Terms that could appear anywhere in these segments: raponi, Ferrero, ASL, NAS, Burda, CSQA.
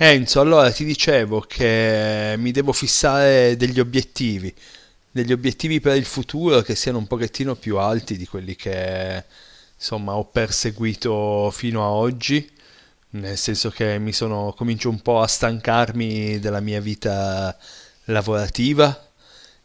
Enzo, allora ti dicevo che mi devo fissare degli obiettivi per il futuro che siano un pochettino più alti di quelli che insomma ho perseguito fino a oggi, nel senso che comincio un po' a stancarmi della mia vita lavorativa.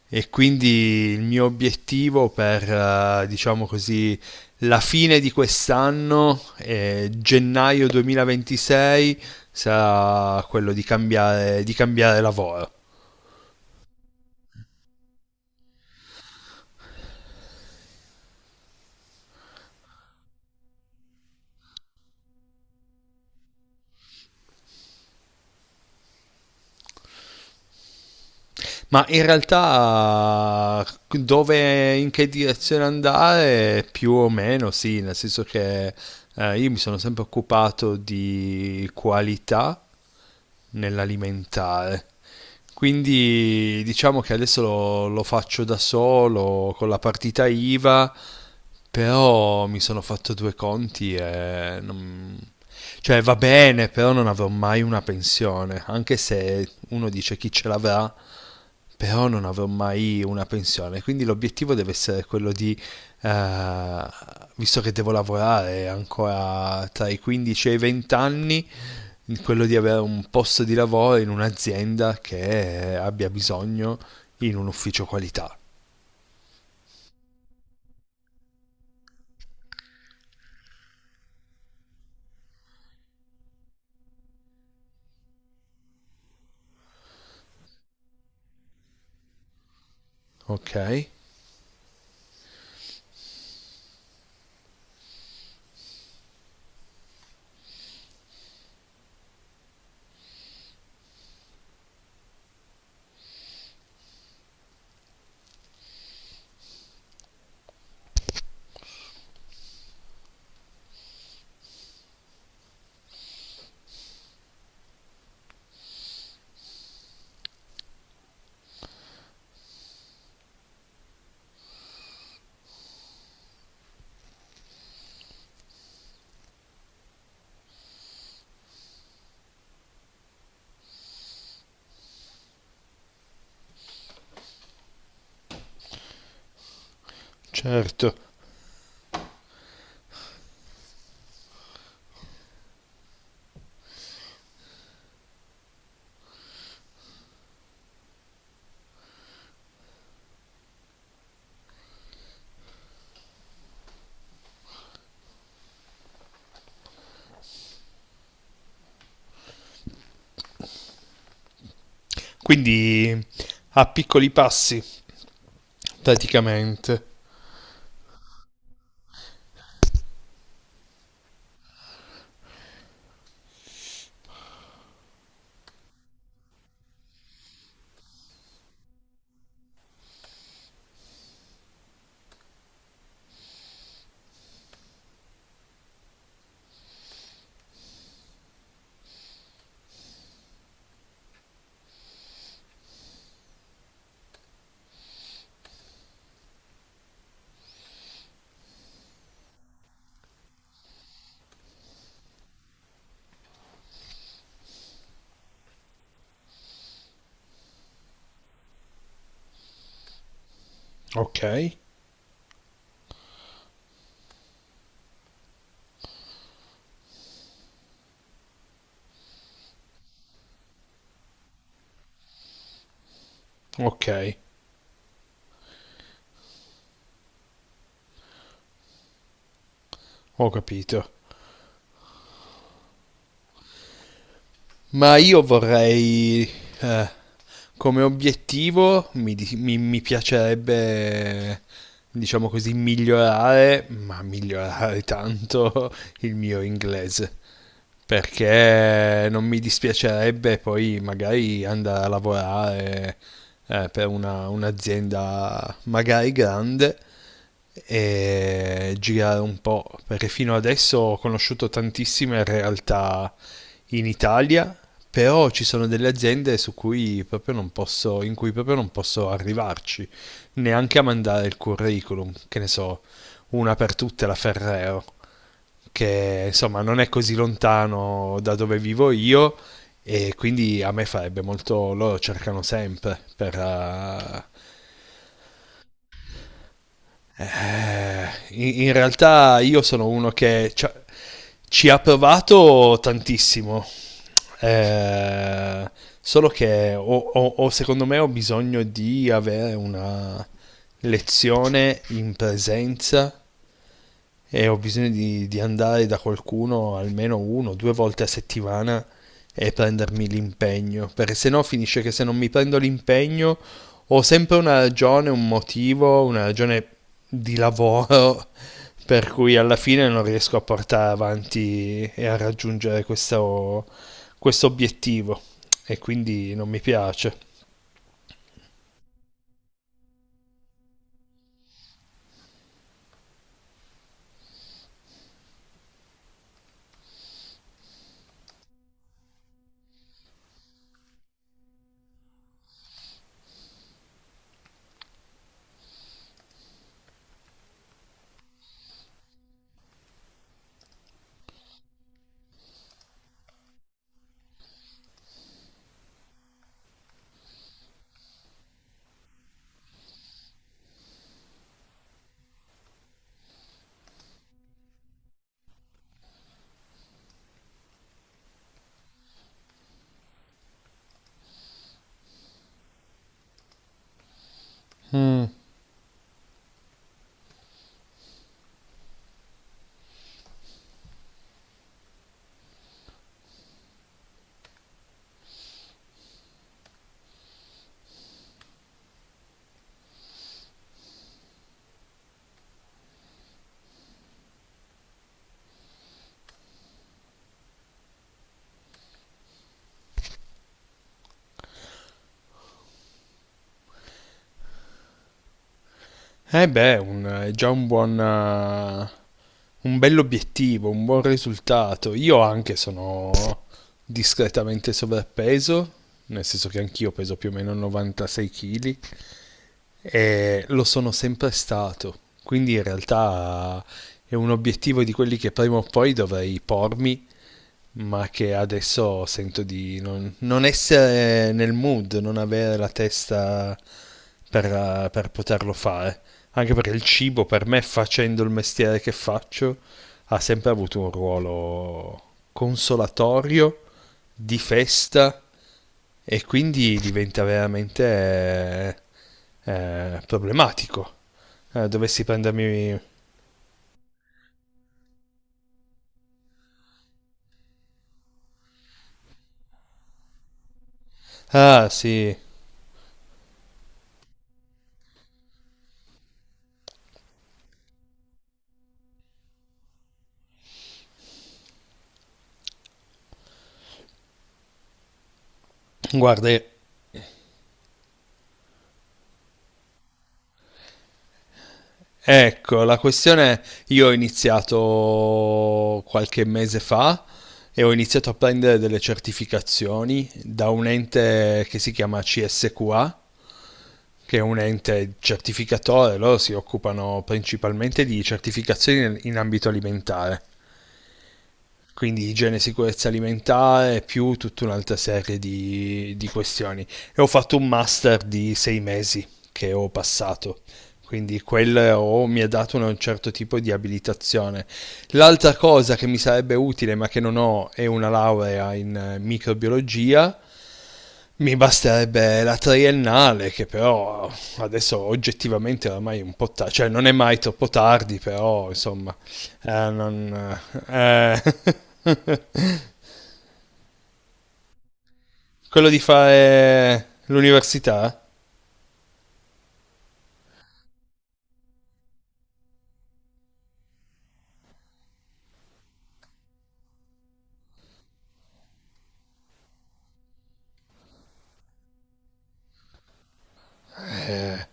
E quindi il mio obiettivo per, diciamo così, la fine di quest'anno, gennaio 2026, sarà quello di cambiare lavoro. Ma in realtà dove, in che direzione andare, più o meno sì, nel senso che io mi sono sempre occupato di qualità nell'alimentare. Quindi diciamo che adesso lo faccio da solo con la partita IVA, però mi sono fatto due conti e non. Cioè va bene, però non avrò mai una pensione, anche se uno dice chi ce l'avrà, però non avrò mai una pensione, quindi l'obiettivo deve essere quello di, eh, visto che devo lavorare ancora tra i 15 e i 20 anni, quello di avere un posto di lavoro in un'azienda che abbia bisogno in un ufficio qualità, ok? Certo. Quindi a piccoli passi, praticamente. Ok, ok, ho capito. Ma io vorrei, eh, come obiettivo, mi piacerebbe, diciamo così, migliorare, ma migliorare tanto il mio inglese, perché non mi dispiacerebbe poi magari andare a lavorare per un'azienda magari grande e girare un po', perché fino adesso ho conosciuto tantissime realtà in Italia, però ci sono delle aziende su cui proprio non posso, in cui proprio non posso arrivarci, neanche a mandare il curriculum, che ne so, una per tutte la Ferrero, che insomma non è così lontano da dove vivo io, e quindi a me farebbe molto, loro cercano sempre per, in realtà io sono uno che ci ha provato tantissimo. Eh, Solo che secondo me ho bisogno di avere una lezione in presenza, e ho bisogno di andare da qualcuno almeno uno o due volte a settimana e prendermi l'impegno, perché se no finisce che se non mi prendo l'impegno ho sempre una ragione, un motivo, una ragione di lavoro per cui alla fine non riesco a portare avanti e a raggiungere questo obiettivo, e quindi non mi piace. E beh, è già un buon, un bell'obiettivo, un buon risultato. Io anche sono discretamente sovrappeso, nel senso che anch'io peso più o meno 96 kg e lo sono sempre stato. Quindi in realtà è un obiettivo di quelli che prima o poi dovrei pormi, ma che adesso sento di non essere nel mood, non avere la testa per poterlo fare. Anche perché il cibo per me, facendo il mestiere che faccio, ha sempre avuto un ruolo consolatorio, di festa, e quindi diventa veramente problematico. Dovessi prendermi. Ah, sì, guarda. Ecco, la questione è, io ho iniziato qualche mese fa e ho iniziato a prendere delle certificazioni da un ente che si chiama CSQA, che è un ente certificatore, loro si occupano principalmente di certificazioni in ambito alimentare, quindi igiene e sicurezza alimentare, più tutta un'altra serie di questioni. E ho fatto un master di 6 mesi che ho passato, quindi quello oh, mi ha dato un certo tipo di abilitazione. L'altra cosa che mi sarebbe utile, ma che non ho, è una laurea in microbiologia. Mi basterebbe la triennale, che però adesso oggettivamente oramai è un po' tardi, cioè non è mai troppo tardi, però insomma non... eh. Quello di fare l'università? Eh,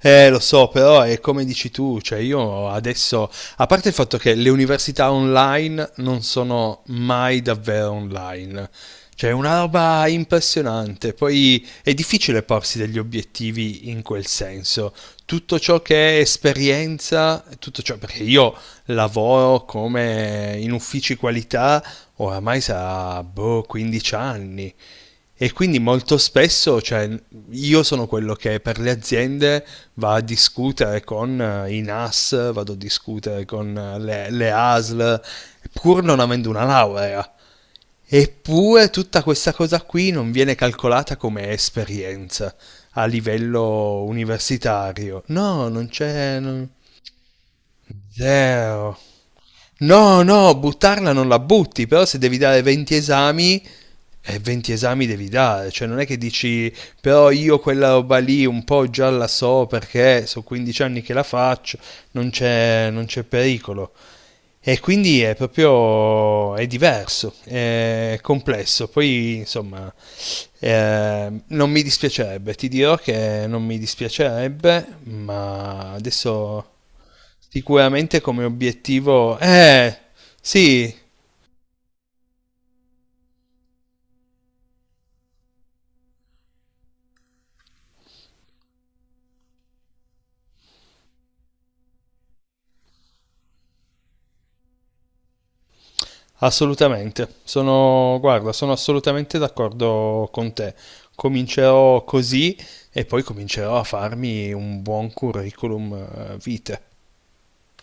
Lo so, però è come dici tu, cioè io adesso, a parte il fatto che le università online non sono mai davvero online, cioè è una roba impressionante, poi è difficile porsi degli obiettivi in quel senso. Tutto ciò che è esperienza, tutto ciò, perché io lavoro come in uffici qualità oramai sarà boh, 15 anni, e quindi molto spesso, cioè, io sono quello che per le aziende va a discutere con i NAS, vado a discutere con le ASL, pur non avendo una laurea. Eppure tutta questa cosa qui non viene calcolata come esperienza a livello universitario. No, non c'è. Zero. No, no, buttarla non la butti, però se devi dare 20 esami e 20 esami devi dare, cioè non è che dici però io quella roba lì un po' già la so perché sono 15 anni che la faccio, non c'è pericolo. E quindi è proprio è diverso, è complesso. Poi insomma, non mi dispiacerebbe, ti dirò che non mi dispiacerebbe, ma adesso sicuramente come obiettivo. Sì, assolutamente, sono, guarda, sono assolutamente d'accordo con te. Comincerò così e poi comincerò a farmi un buon curriculum vitae.